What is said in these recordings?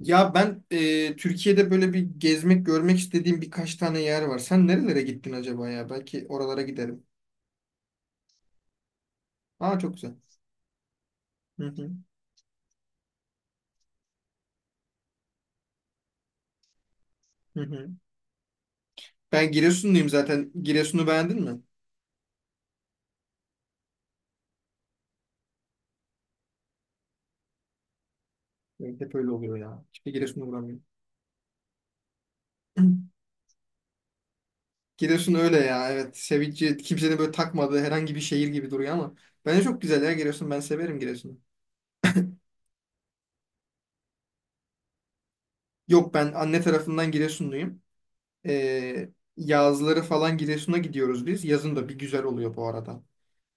Ya ben Türkiye'de böyle bir gezmek, görmek istediğim birkaç tane yer var. Sen nerelere gittin acaba ya? Belki oralara giderim. Aa, çok güzel. Hı hı, hı hı. Ben Giresunluyum zaten. Giresun'u beğendin mi? Evet, hep öyle oluyor ya. Hiçbir Giresun'a uğramıyorum. Giresun öyle ya. Evet. Sevinci kimsenin böyle takmadığı herhangi bir şehir gibi duruyor ama bence çok güzel ya Giresun. Ben severim Giresun'u. Yok, ben anne tarafından Giresunluyum. Ee, yazları falan Giresun'a gidiyoruz biz. Yazın da bir güzel oluyor bu arada.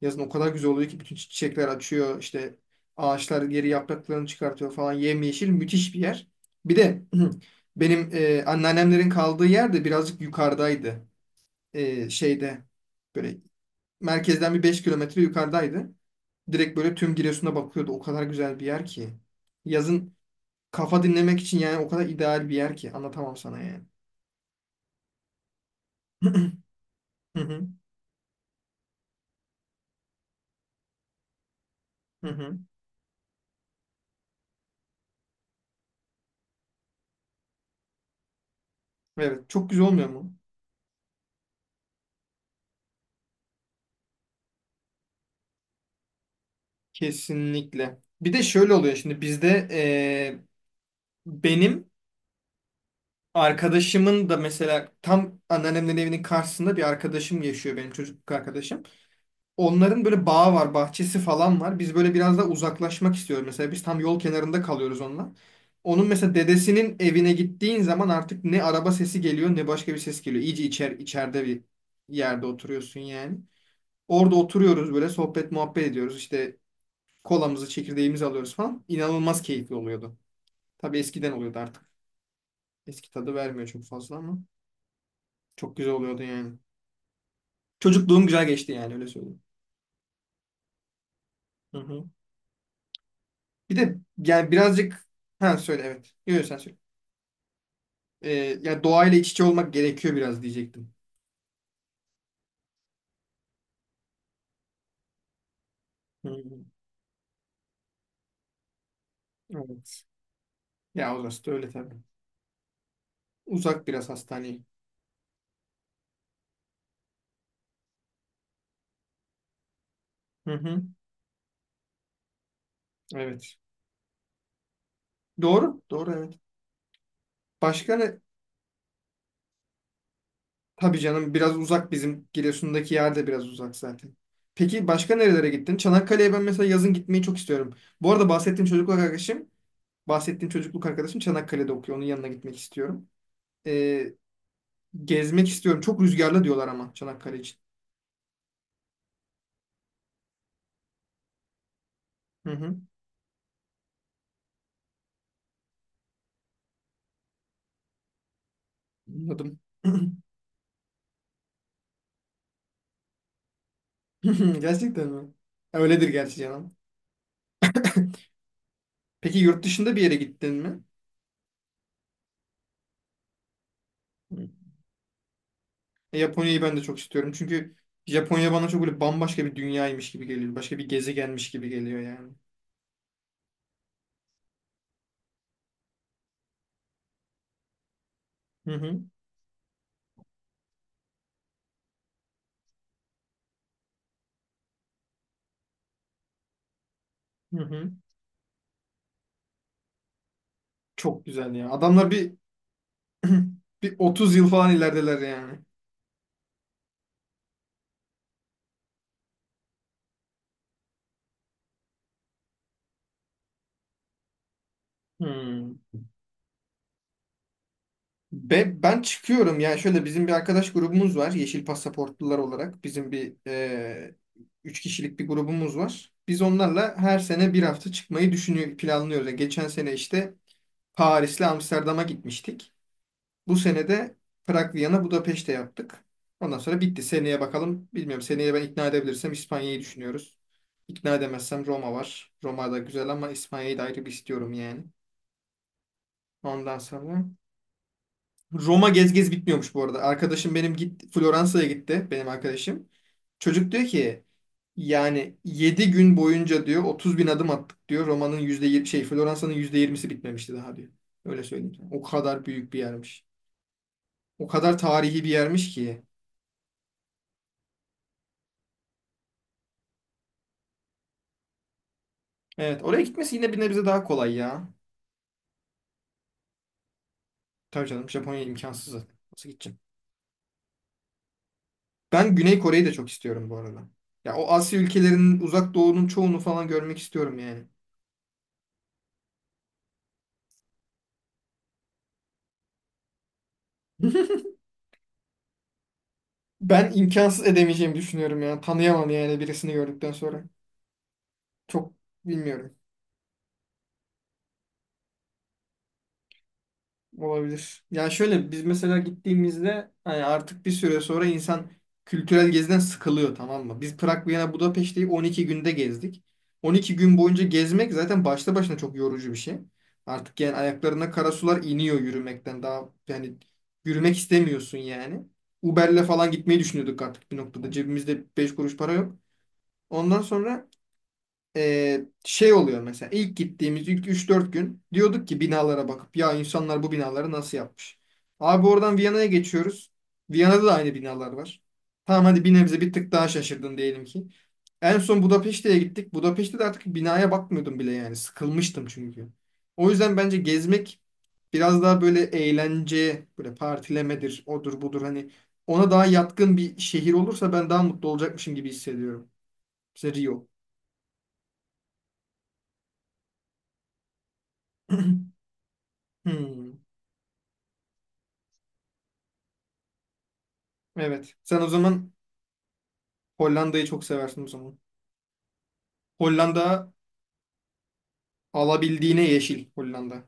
Yazın o kadar güzel oluyor ki bütün çiçekler açıyor. İşte ağaçlar geri yapraklarını çıkartıyor falan. Yemyeşil, müthiş bir yer. Bir de benim anneannemlerin kaldığı yer de birazcık yukarıdaydı. Şeyde böyle merkezden bir 5 kilometre yukarıdaydı. Direkt böyle tüm Giresun'a bakıyordu. O kadar güzel bir yer ki. Yazın kafa dinlemek için yani o kadar ideal bir yer ki. Anlatamam sana yani. Hı hı, hı hı. Evet, çok güzel olmuyor mu? Kesinlikle. Bir de şöyle oluyor şimdi bizde, benim arkadaşımın da mesela tam anneannemin evinin karşısında bir arkadaşım yaşıyor, benim çocukluk arkadaşım. Onların böyle bağı var, bahçesi falan var. Biz böyle biraz da uzaklaşmak istiyoruz. Mesela biz tam yol kenarında kalıyoruz onunla. Onun mesela dedesinin evine gittiğin zaman artık ne araba sesi geliyor ne başka bir ses geliyor. İyice içer, içeride bir yerde oturuyorsun yani. Orada oturuyoruz böyle sohbet muhabbet ediyoruz. İşte kolamızı, çekirdeğimizi alıyoruz falan. İnanılmaz keyifli oluyordu. Tabii, eskiden oluyordu artık. Eski tadı vermiyor çok fazla ama çok güzel oluyordu yani. Çocukluğum güzel geçti yani, öyle söyleyeyim. Hı hı. Bir de yani birazcık, ha söyle, evet. Yok, sen söyle. Ee, ya doğayla iç içe olmak gerekiyor biraz diyecektim. Hı hı. Evet. Ya orası da öyle tabii. Uzak biraz hastaneye. Hı hı. Evet. Doğru. Doğru, evet. Başka ne? Tabii canım, biraz uzak bizim Giresun'daki yer de biraz uzak zaten. Peki başka nerelere gittin? Çanakkale'ye ben mesela yazın gitmeyi çok istiyorum. Bu arada bahsettiğim çocukluk arkadaşım Çanakkale'de okuyor. Onun yanına gitmek istiyorum. Ee, gezmek istiyorum. Çok rüzgarlı diyorlar ama Çanakkale için. Hı hı. Anladım. Gerçekten mi? Ya öyledir gerçi canım. Peki yurt dışında bir yere gittin mi? Hı. Japonya'yı ben de çok istiyorum. Çünkü Japonya bana çok böyle bambaşka bir dünyaymış gibi geliyor. Başka bir gezegenmiş gibi geliyor yani. Hı hı. Hı hı. Çok güzel ya. Adamlar bir bir 30 yıl falan ilerideler yani. Hmm. Ben çıkıyorum yani, şöyle bizim bir arkadaş grubumuz var, yeşil pasaportlular olarak bizim bir 3 kişilik bir grubumuz var. Biz onlarla her sene bir hafta çıkmayı düşünüyor planlıyoruz. Yani geçen sene işte Paris'le Amsterdam'a gitmiştik. Bu sene de Prag, Viyana, Budapeşte yaptık. Ondan sonra bitti. Seneye bakalım. Bilmiyorum. Seneye ben ikna edebilirsem İspanya'yı düşünüyoruz. İkna edemezsem Roma var. Roma da güzel ama İspanya'yı da ayrı bir istiyorum yani. Ondan sonra Roma gez gez bitmiyormuş bu arada. Arkadaşım benim gitti, Floransa'ya gitti benim arkadaşım. Çocuk diyor ki yani 7 gün boyunca diyor 30 bin adım attık diyor. Roma'nın yüzde yirmi şey, Floransa'nın %20'si bitmemişti daha diyor. Öyle söyleyeyim sana. O kadar büyük bir yermiş. O kadar tarihi bir yermiş ki. Evet, oraya gitmesi yine bir nebze daha kolay ya. Tabii canım Japonya imkansız zaten. Nasıl gideceğim? Ben Güney Kore'yi de çok istiyorum bu arada. Ya o Asya ülkelerinin, uzak doğunun çoğunu falan görmek istiyorum yani. Ben imkansız edemeyeceğimi düşünüyorum ya. Tanıyamam yani birisini gördükten sonra. Çok bilmiyorum. Olabilir. Yani şöyle, biz mesela gittiğimizde hani artık bir süre sonra insan kültürel geziden sıkılıyor, tamam mı? Biz Prag, Viyana, Budapeşte'yi 12 günde gezdik. 12 gün boyunca gezmek zaten başta başına çok yorucu bir şey. Artık yani ayaklarına kara sular iniyor yürümekten. Daha yani yürümek istemiyorsun yani. Uber'le falan gitmeyi düşünüyorduk artık bir noktada. Cebimizde 5 kuruş para yok. Ondan sonra şey oluyor mesela ilk gittiğimiz ilk üç dört gün diyorduk ki binalara bakıp ya insanlar bu binaları nasıl yapmış? Abi oradan Viyana'ya geçiyoruz. Viyana'da da aynı binalar var. Tamam, hadi bir nebze bir tık daha şaşırdın diyelim ki. En son Budapeşte'ye gittik. Budapeşte de artık binaya bakmıyordum bile yani. Sıkılmıştım çünkü. O yüzden bence gezmek biraz daha böyle eğlence, böyle partilemedir, odur budur, hani ona daha yatkın bir şehir olursa ben daha mutlu olacakmışım gibi hissediyorum. İşte Rio. Hmm. Evet. Sen o zaman Hollanda'yı çok seversin o zaman. Hollanda alabildiğine yeşil Hollanda.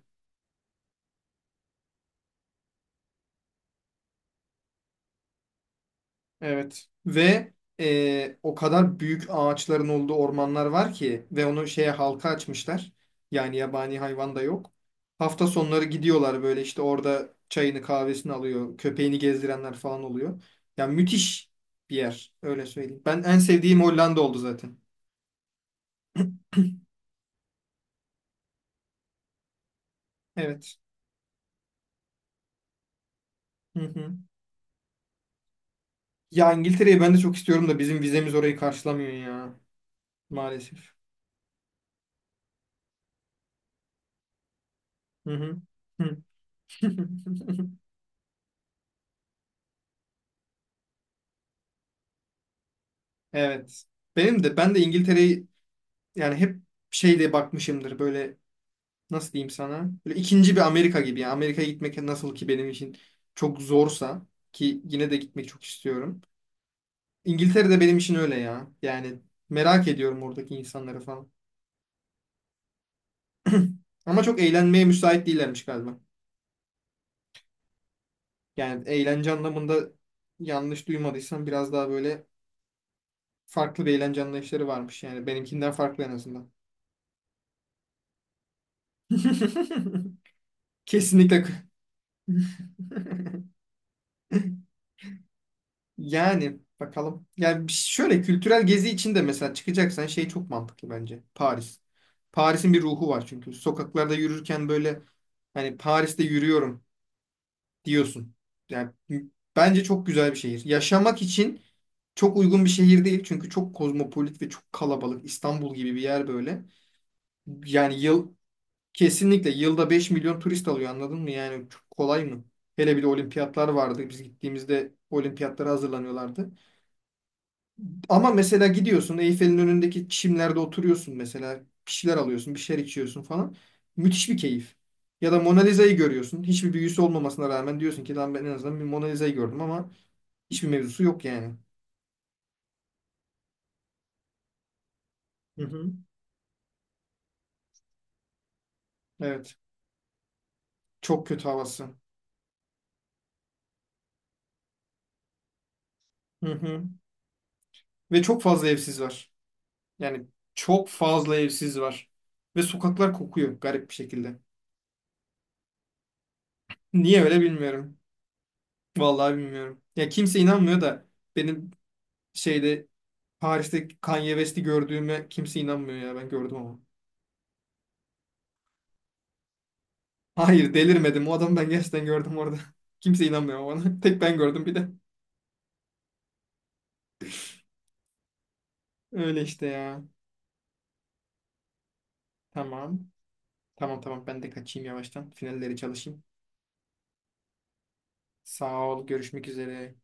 Evet. Ve o kadar büyük ağaçların olduğu ormanlar var ki ve onu şeye halka açmışlar. Yani yabani hayvan da yok. Hafta sonları gidiyorlar böyle, işte orada çayını kahvesini alıyor. Köpeğini gezdirenler falan oluyor. Yani müthiş bir yer öyle söyleyeyim. Ben en sevdiğim Hollanda oldu zaten. Evet. Hı hı. Ya İngiltere'yi ben de çok istiyorum da bizim vizemiz orayı karşılamıyor ya. Maalesef. Hı hı. Hı. Evet. Benim de İngiltere'yi yani hep şey diye bakmışımdır böyle, nasıl diyeyim sana? Böyle ikinci bir Amerika gibi. Yani Amerika'ya gitmek nasıl ki benim için çok zorsa, ki yine de gitmek çok istiyorum. İngiltere de benim için öyle ya. Yani merak ediyorum oradaki insanları falan. Ama çok eğlenmeye müsait değillermiş galiba. Yani eğlence anlamında yanlış duymadıysam biraz daha böyle farklı bir eğlence anlayışları varmış. Yani benimkinden farklı en azından. Kesinlikle. Yani bakalım. Yani şöyle kültürel gezi için de mesela çıkacaksan şey çok mantıklı bence. Paris. Paris'in bir ruhu var çünkü. Sokaklarda yürürken böyle, hani Paris'te yürüyorum diyorsun. Yani bence çok güzel bir şehir. Yaşamak için çok uygun bir şehir değil. Çünkü çok kozmopolit ve çok kalabalık. İstanbul gibi bir yer böyle. Yani yıl Kesinlikle yılda 5 milyon turist alıyor, anladın mı? Yani çok kolay mı? Hele bir de olimpiyatlar vardı. Biz gittiğimizde olimpiyatlara hazırlanıyorlardı. Ama mesela gidiyorsun Eyfel'in önündeki çimlerde oturuyorsun mesela. Bir şeyler alıyorsun, bir şeyler içiyorsun falan. Müthiş bir keyif. Ya da Mona Lisa'yı görüyorsun. Hiçbir büyüsü olmamasına rağmen diyorsun ki lan ben en azından bir Mona Lisa'yı gördüm ama hiçbir mevzusu yok yani. Hı hı. Evet. Çok kötü havası. Hı hı. Ve çok fazla evsiz var. Yani çok fazla evsiz var. Ve sokaklar kokuyor garip bir şekilde. Niye öyle bilmiyorum. Vallahi bilmiyorum. Ya kimse inanmıyor da benim şeyde Paris'te Kanye West'i gördüğüme kimse inanmıyor ya, ben gördüm ama. Hayır, delirmedim. O adamı ben gerçekten gördüm orada. Kimse inanmıyor bana. Tek ben gördüm bir de. Öyle işte ya. Tamam. Tamam tamam, ben de kaçayım yavaştan. Finalleri çalışayım. Sağ ol. Görüşmek üzere.